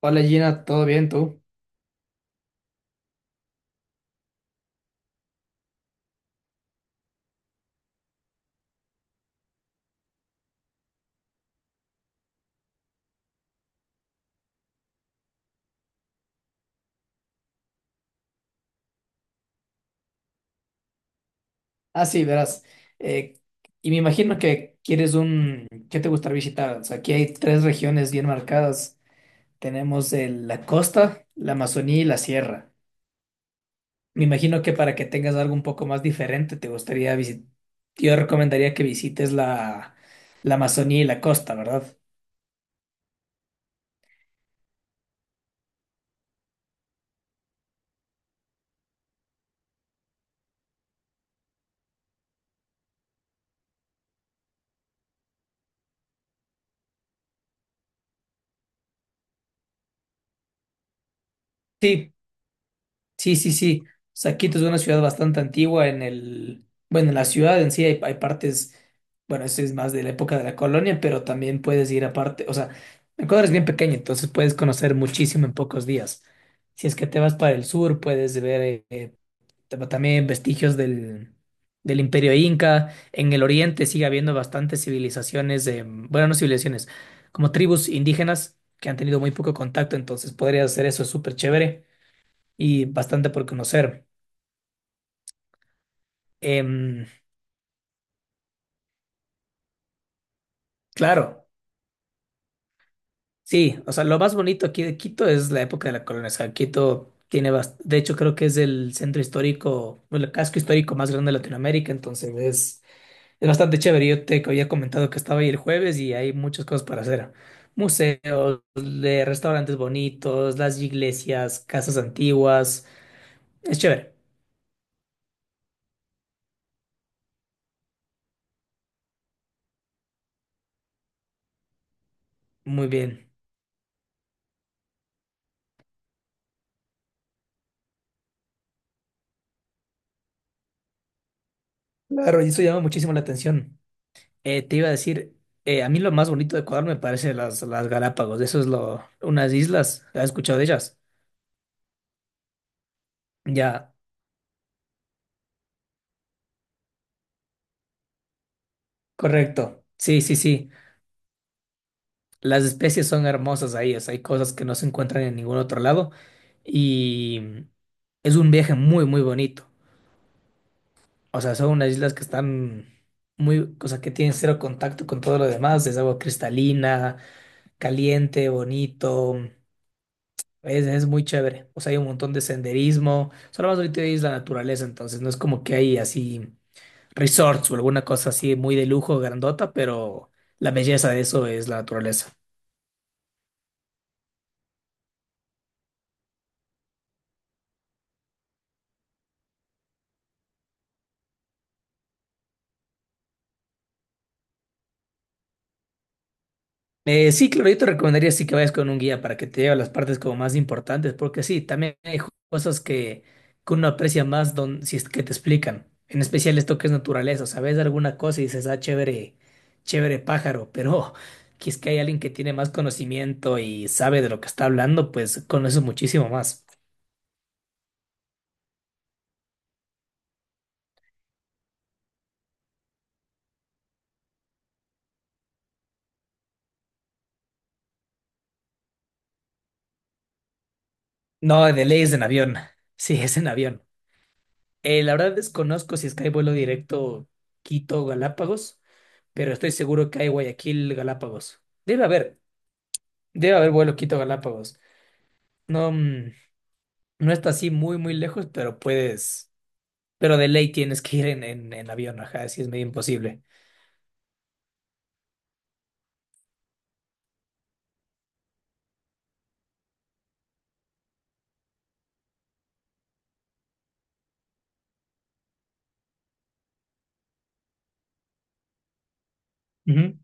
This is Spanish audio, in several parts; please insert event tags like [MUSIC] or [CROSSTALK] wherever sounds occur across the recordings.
Hola Gina, ¿todo bien tú? Ah, sí, verás. eh, y me imagino que quieres un... ¿Qué te gustaría visitar? O sea, aquí hay tres regiones bien marcadas. Tenemos la costa, la Amazonía y la sierra. Me imagino que para que tengas algo un poco más diferente, te gustaría visitar... Yo recomendaría que visites la Amazonía y la costa, ¿verdad? Sí, sí. O sea, Quito es una ciudad bastante antigua en el, bueno, en la ciudad en sí hay partes, bueno, eso es más de la época de la colonia, pero también puedes ir aparte, o sea, Ecuador es bien pequeño, entonces puedes conocer muchísimo en pocos días. Si es que te vas para el sur, puedes ver también vestigios del Imperio Inca. En el oriente sigue habiendo bastantes civilizaciones, bueno, no civilizaciones, como tribus indígenas que han tenido muy poco contacto, entonces podrías hacer eso, es súper chévere y bastante por conocer. Em, claro, sí, o sea, lo más bonito aquí de Quito es la época de la colonización. Quito tiene, de hecho, creo que es el centro histórico, o el casco histórico más grande de Latinoamérica, entonces es bastante chévere. Yo te había comentado que estaba ahí el jueves y hay muchas cosas para hacer. Museos, de restaurantes bonitos, las iglesias, casas antiguas. Es chévere. Muy bien. Claro, y eso llama muchísimo la atención. Te iba a decir, a mí lo más bonito de Ecuador me parece las Galápagos. Eso es lo, unas islas. ¿Has escuchado de ellas? Ya, correcto. Sí, sí, sí. Las especies son hermosas ahí. O sea, hay cosas que no se encuentran en ningún otro lado. Y es un viaje muy, muy bonito. O sea, son unas islas que están muy, o sea, que tienen cero contacto con todo lo demás. Es agua cristalina, caliente, bonito. Es muy chévere. O sea, hay un montón de senderismo. Solo más ahorita es la naturaleza, entonces no es como que hay así resorts o alguna cosa así muy de lujo, grandota, pero la belleza de eso es la naturaleza. Sí, claro, yo te recomendaría sí que vayas con un guía para que te lleve a las partes como más importantes, porque sí, también hay cosas que uno aprecia más don, si es que te explican. En especial esto que es naturaleza, sabes alguna cosa y dices, ah, chévere, chévere pájaro, pero [LAUGHS] que es que hay alguien que tiene más conocimiento y sabe de lo que está hablando, pues conoces muchísimo más. No, de ley es en avión. Sí, es en avión. La verdad desconozco si es que hay vuelo directo Quito-Galápagos, pero estoy seguro que hay Guayaquil-Galápagos. Debe haber vuelo Quito-Galápagos. No, no está así muy, muy lejos, pero puedes, pero de ley tienes que ir en avión, ajá, así es medio imposible. Ujú.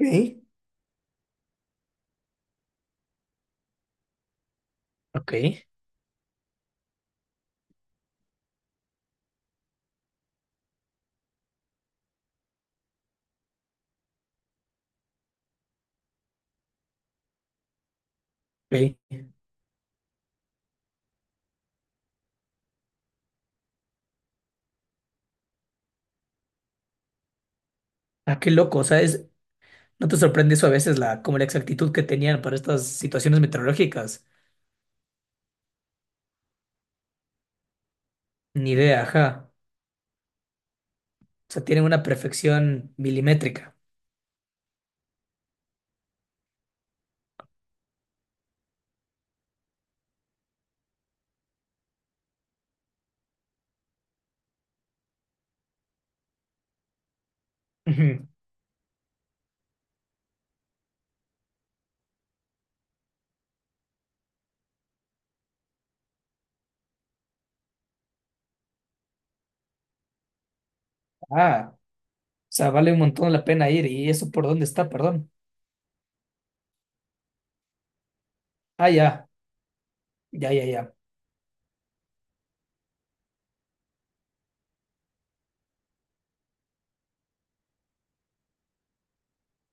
Ok. Ok, ok. Ah, qué loco, o sea, es, ¿no te sorprende eso a veces como la exactitud que tenían para estas situaciones meteorológicas? Ni idea, ajá. O sea, tienen una perfección milimétrica. Ujú. Ah. Sea, vale un montón la pena ir. ¿Y eso por dónde está? Perdón. Ah, ya.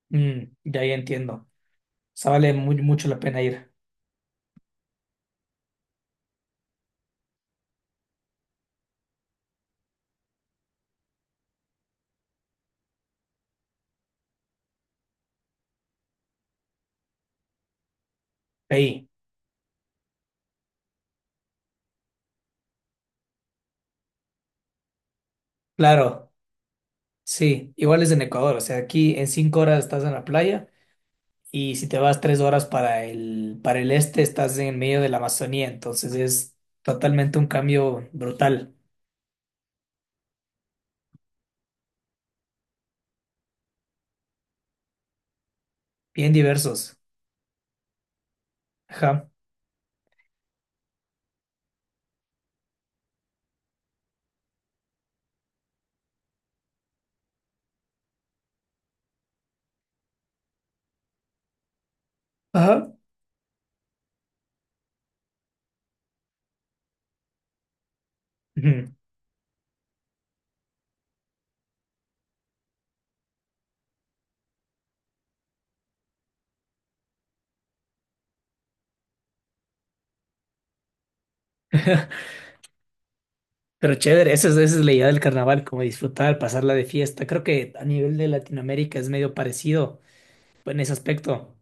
Ya, ya entiendo. O sea, vale muy, mucho la pena ir. Ahí, claro, sí. Igual es en Ecuador. O sea, aquí en 5 horas estás en la playa y si te vas 3 horas para para el este, estás en medio de la Amazonía. Entonces es totalmente un cambio brutal. Bien diversos. Ajá. Ajá. Ujú. Pero chévere, esa es la idea del carnaval, como disfrutar, pasarla de fiesta. Creo que a nivel de Latinoamérica es medio parecido en ese aspecto.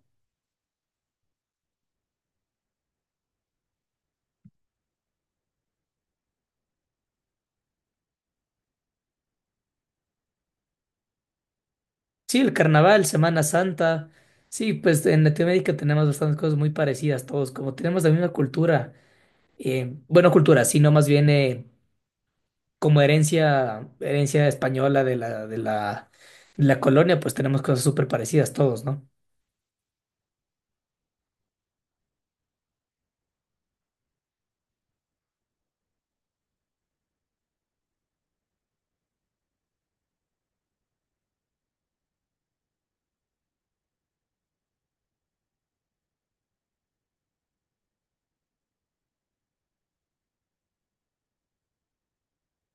Sí, el carnaval, Semana Santa. Sí, pues en Latinoamérica tenemos bastantes cosas muy parecidas todos, como tenemos la misma cultura, bueno, cultura, sino más bien como herencia, herencia española de de la colonia, pues tenemos cosas súper parecidas todos, ¿no?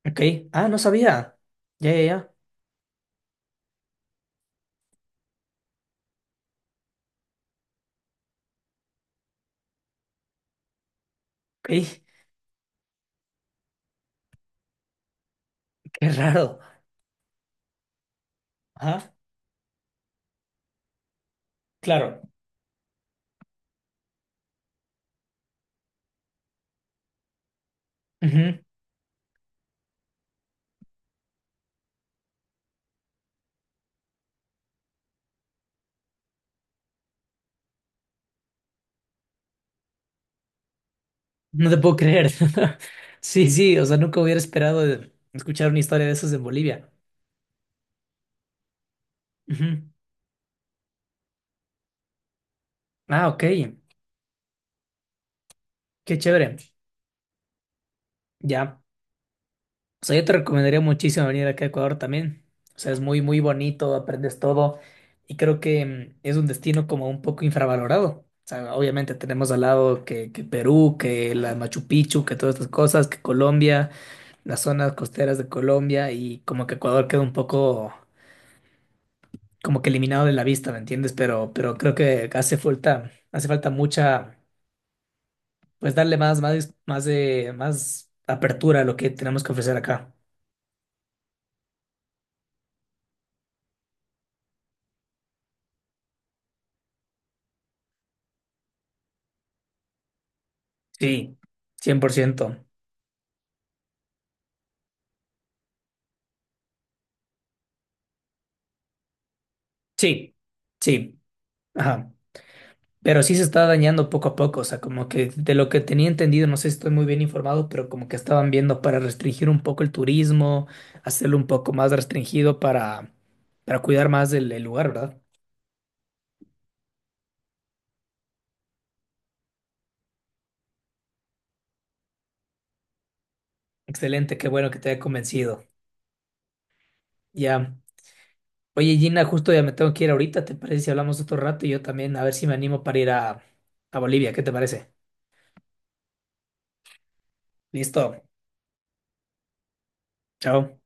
Ok. Ah, no sabía. Ya, ya, ya. Ok. [LAUGHS] Qué raro. Ajá. Claro. Ujú. No te puedo creer. [LAUGHS] Sí, sí, o sea, nunca hubiera esperado escuchar una historia de esas en Bolivia. Ujú. Ah, ok. Qué chévere. Ya. O sea, yo te recomendaría muchísimo venir acá a Ecuador también. O sea, es muy, muy bonito, aprendes todo. Y creo que es un destino como un poco infravalorado. O sea, obviamente tenemos al lado que Perú, que la Machu Picchu, que todas estas cosas, que Colombia, las zonas costeras de Colombia y como que Ecuador queda un poco como que eliminado de la vista, ¿me entiendes? Pero creo que hace falta mucha, pues darle más apertura a lo que tenemos que ofrecer acá. Sí, 100%. Sí, sí, ajá. Pero sí se está dañando poco a poco, o sea, como que de lo que tenía entendido, no sé si estoy muy bien informado, pero como que estaban viendo para restringir un poco el turismo, hacerlo un poco más restringido para cuidar más el lugar, ¿verdad? Excelente, qué bueno que te haya convencido. Ya. Oye, Gina, justo ya me tengo que ir ahorita, ¿te parece si hablamos otro rato? Y yo también, a ver si me animo para ir a Bolivia, ¿qué te parece? Listo, chao.